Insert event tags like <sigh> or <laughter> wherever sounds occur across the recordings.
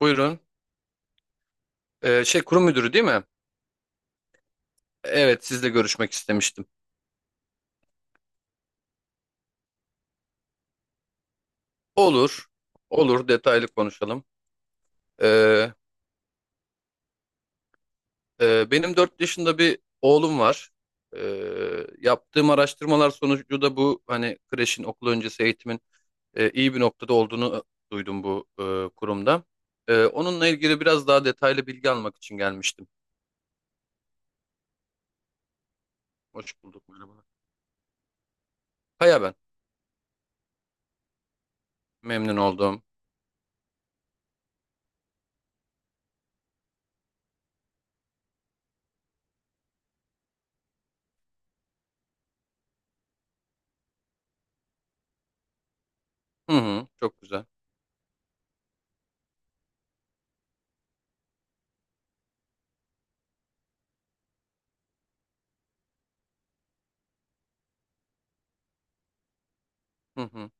Buyurun. Kurum müdürü değil mi? Evet, sizle görüşmek istemiştim. Olur. Olur, detaylı konuşalım. Ee, Benim 4 yaşında bir oğlum var. Yaptığım araştırmalar sonucu da bu hani kreşin okul öncesi eğitimin iyi bir noktada olduğunu duydum bu kurumda. Onunla ilgili biraz daha detaylı bilgi almak için gelmiştim. Hoş bulduk. Merhaba. Kaya ben. Memnun oldum. Hı hı, çok güzel. Hı hı.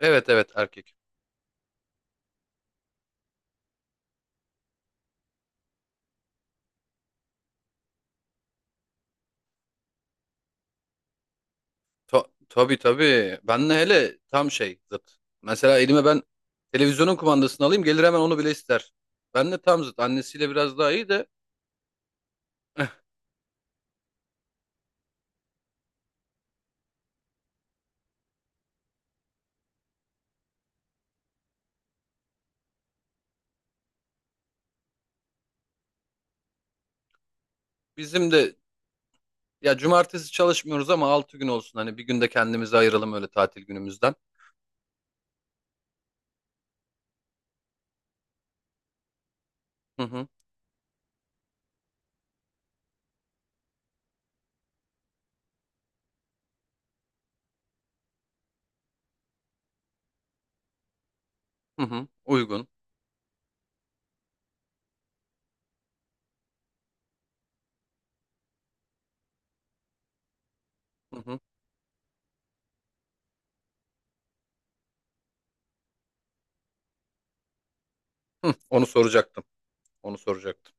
Evet, evet, erkek. Tabii tabii. Ben de hele tam zıt. Mesela elime ben televizyonun kumandasını alayım gelir, hemen onu bile ister. Ben de tam zıt. Annesiyle biraz daha iyi de. Bizim de, ya, cumartesi çalışmıyoruz ama 6 gün olsun. Hani bir günde kendimizi ayıralım öyle tatil günümüzden. Hı hı hı hı, uygun. Hı hı. Hı, onu soracaktım. Onu soracaktım.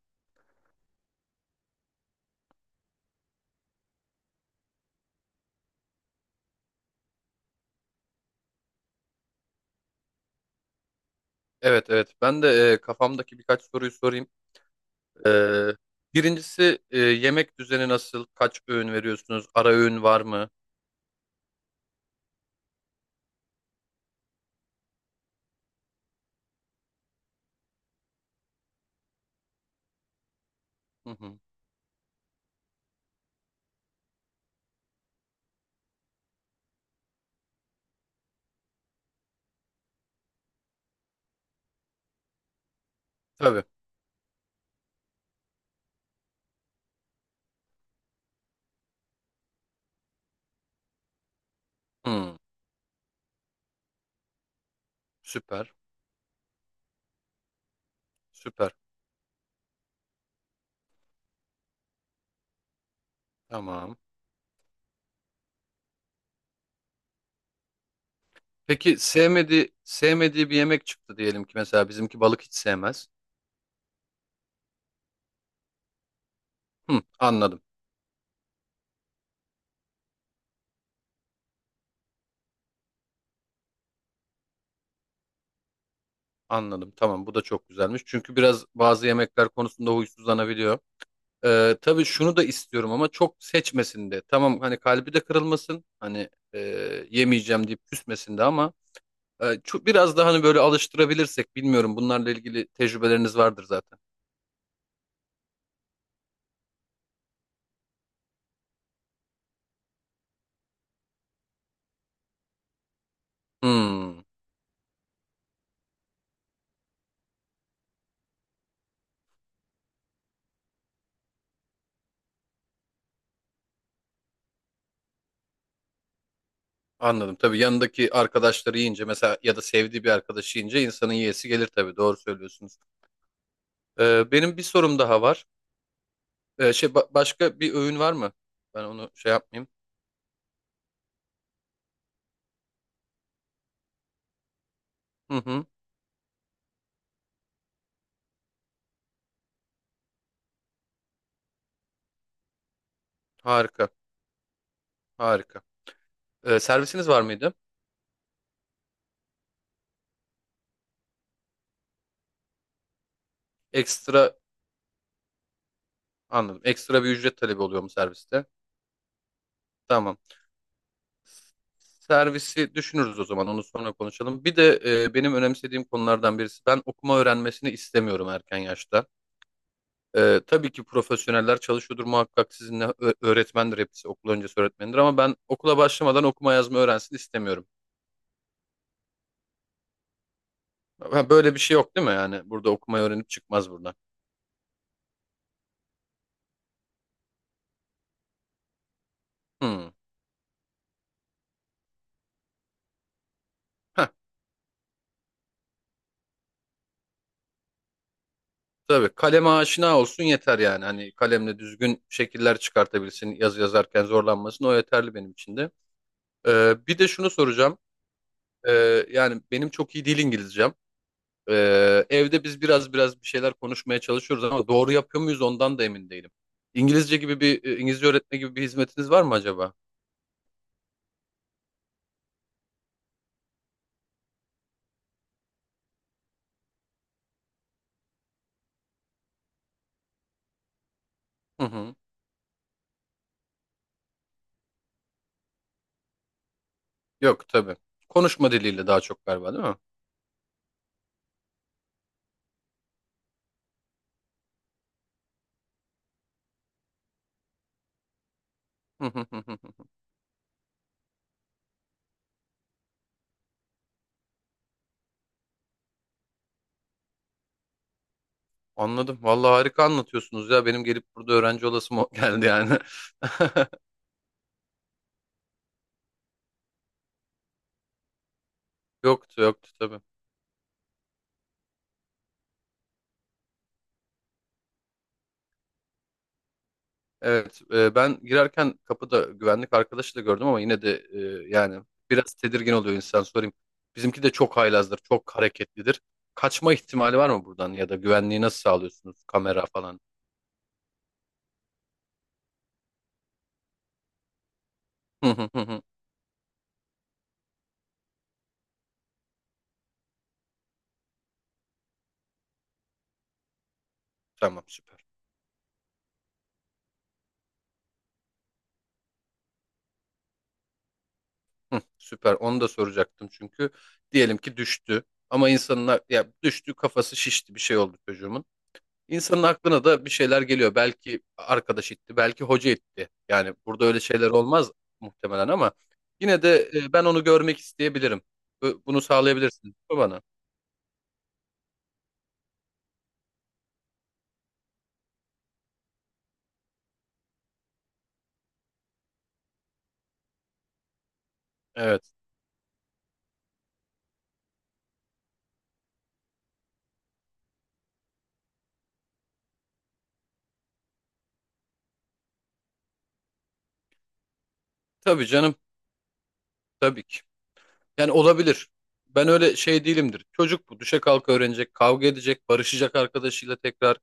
Evet, evet, ben de kafamdaki birkaç soruyu sorayım. E, Birincisi, yemek düzeni nasıl? Kaç öğün veriyorsunuz? Ara öğün var mı? Hı hı. Tabii. Hı. Süper. Süper. Tamam. Peki sevmediği bir yemek çıktı diyelim ki, mesela bizimki balık hiç sevmez. Hı, anladım. Anladım. Tamam, bu da çok güzelmiş. Çünkü biraz bazı yemekler konusunda huysuzlanabiliyor. Tabii şunu da istiyorum ama çok seçmesin de. Tamam, hani kalbi de kırılmasın. Hani, yemeyeceğim deyip küsmesin de, ama biraz daha hani böyle alıştırabilirsek, bilmiyorum, bunlarla ilgili tecrübeleriniz vardır zaten. Hmm. Anladım. Tabii yanındaki arkadaşları yiyince, mesela, ya da sevdiği bir arkadaşı yiyince insanın yiyesi gelir tabii. Doğru söylüyorsunuz. Benim bir sorum daha var. Başka bir öğün var mı? Ben onu şey yapmayayım. Hı hı. Harika. Harika. Servisiniz var mıydı? Ekstra Anladım. Ekstra bir ücret talebi oluyor mu serviste? Tamam. Servisi düşünürüz o zaman. Onu sonra konuşalım. Bir de, benim önemsediğim konulardan birisi, ben okuma öğrenmesini istemiyorum erken yaşta. Tabii ki profesyoneller çalışıyordur muhakkak sizinle, öğretmendir hepsi, okul öncesi öğretmendir, ama ben okula başlamadan okuma yazma öğrensin istemiyorum. Ha, böyle bir şey yok değil mi, yani burada okumayı öğrenip çıkmaz buradan. Hmm. Heh, tabii kaleme aşina olsun yeter, yani hani kalemle düzgün şekiller çıkartabilsin, yazı yazarken zorlanmasın, o yeterli benim için de. Bir de şunu soracağım. Yani benim çok iyi değil İngilizcem. Evde biz biraz biraz bir şeyler konuşmaya çalışıyoruz ama doğru yapıyor muyuz ondan da emin değilim. İngilizce öğretme gibi bir hizmetiniz var mı acaba? Hı hı. Yok tabii. Konuşma diliyle daha çok galiba, değil mi? Hı hı hı hı. Anladım. Vallahi harika anlatıyorsunuz ya. Benim gelip burada öğrenci olasım <laughs> geldi yani. <laughs> Yoktu yoktu tabii. Evet, ben girerken kapıda güvenlik arkadaşı da gördüm ama yine de, yani, biraz tedirgin oluyor insan, sorayım. Bizimki de çok haylazdır, çok hareketlidir. Kaçma ihtimali var mı buradan, ya da güvenliği nasıl sağlıyorsunuz? Kamera falan. Hı hı hı hı. Tamam, süper. Hı, süper. Onu da soracaktım çünkü diyelim ki düştü, ama insanlar, ya düştü, kafası şişti, bir şey oldu çocuğumun. İnsanın aklına da bir şeyler geliyor. Belki arkadaş etti, belki hoca etti. Yani burada öyle şeyler olmaz muhtemelen ama yine de, ben onu görmek isteyebilirim. Bunu sağlayabilirsin mi bana. Evet. Tabii canım, tabii ki. Yani olabilir. Ben öyle şey değilimdir. Çocuk bu. Düşe kalka öğrenecek, kavga edecek, barışacak arkadaşıyla tekrar.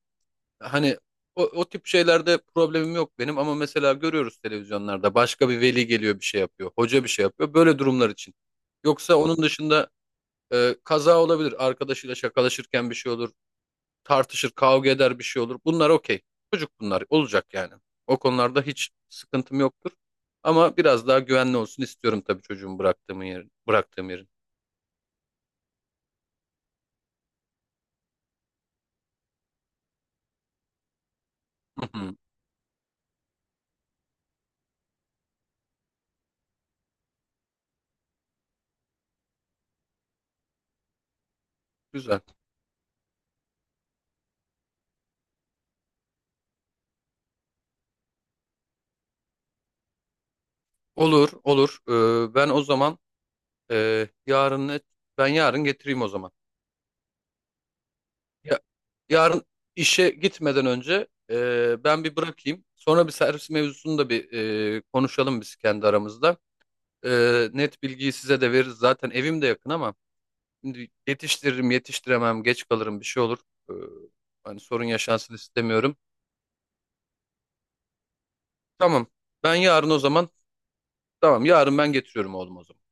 Hani o tip şeylerde problemim yok benim, ama mesela görüyoruz televizyonlarda, başka bir veli geliyor bir şey yapıyor, hoca bir şey yapıyor. Böyle durumlar için. Yoksa onun dışında, kaza olabilir. Arkadaşıyla şakalaşırken bir şey olur. Tartışır, kavga eder, bir şey olur. Bunlar okey. Çocuk bunlar. Olacak yani. O konularda hiç sıkıntım yoktur. Ama biraz daha güvenli olsun istiyorum tabii çocuğumu bıraktığım yerin. Bıraktığım yerin. Hı hı. Güzel. Olur, olur. Ben o zaman, yarın ne? Ben yarın getireyim o zaman. Ya, yarın işe gitmeden önce, ben bir bırakayım. Sonra bir servis mevzusunu da bir, konuşalım biz kendi aramızda. Net bilgiyi size de veririz. Zaten evim de yakın ama şimdi yetiştiririm, yetiştiremem, geç kalırım, bir şey olur. Ee, Hani sorun yaşansın istemiyorum. Tamam. Ben yarın o zaman, tamam, yarın ben getiriyorum oğlum o zaman.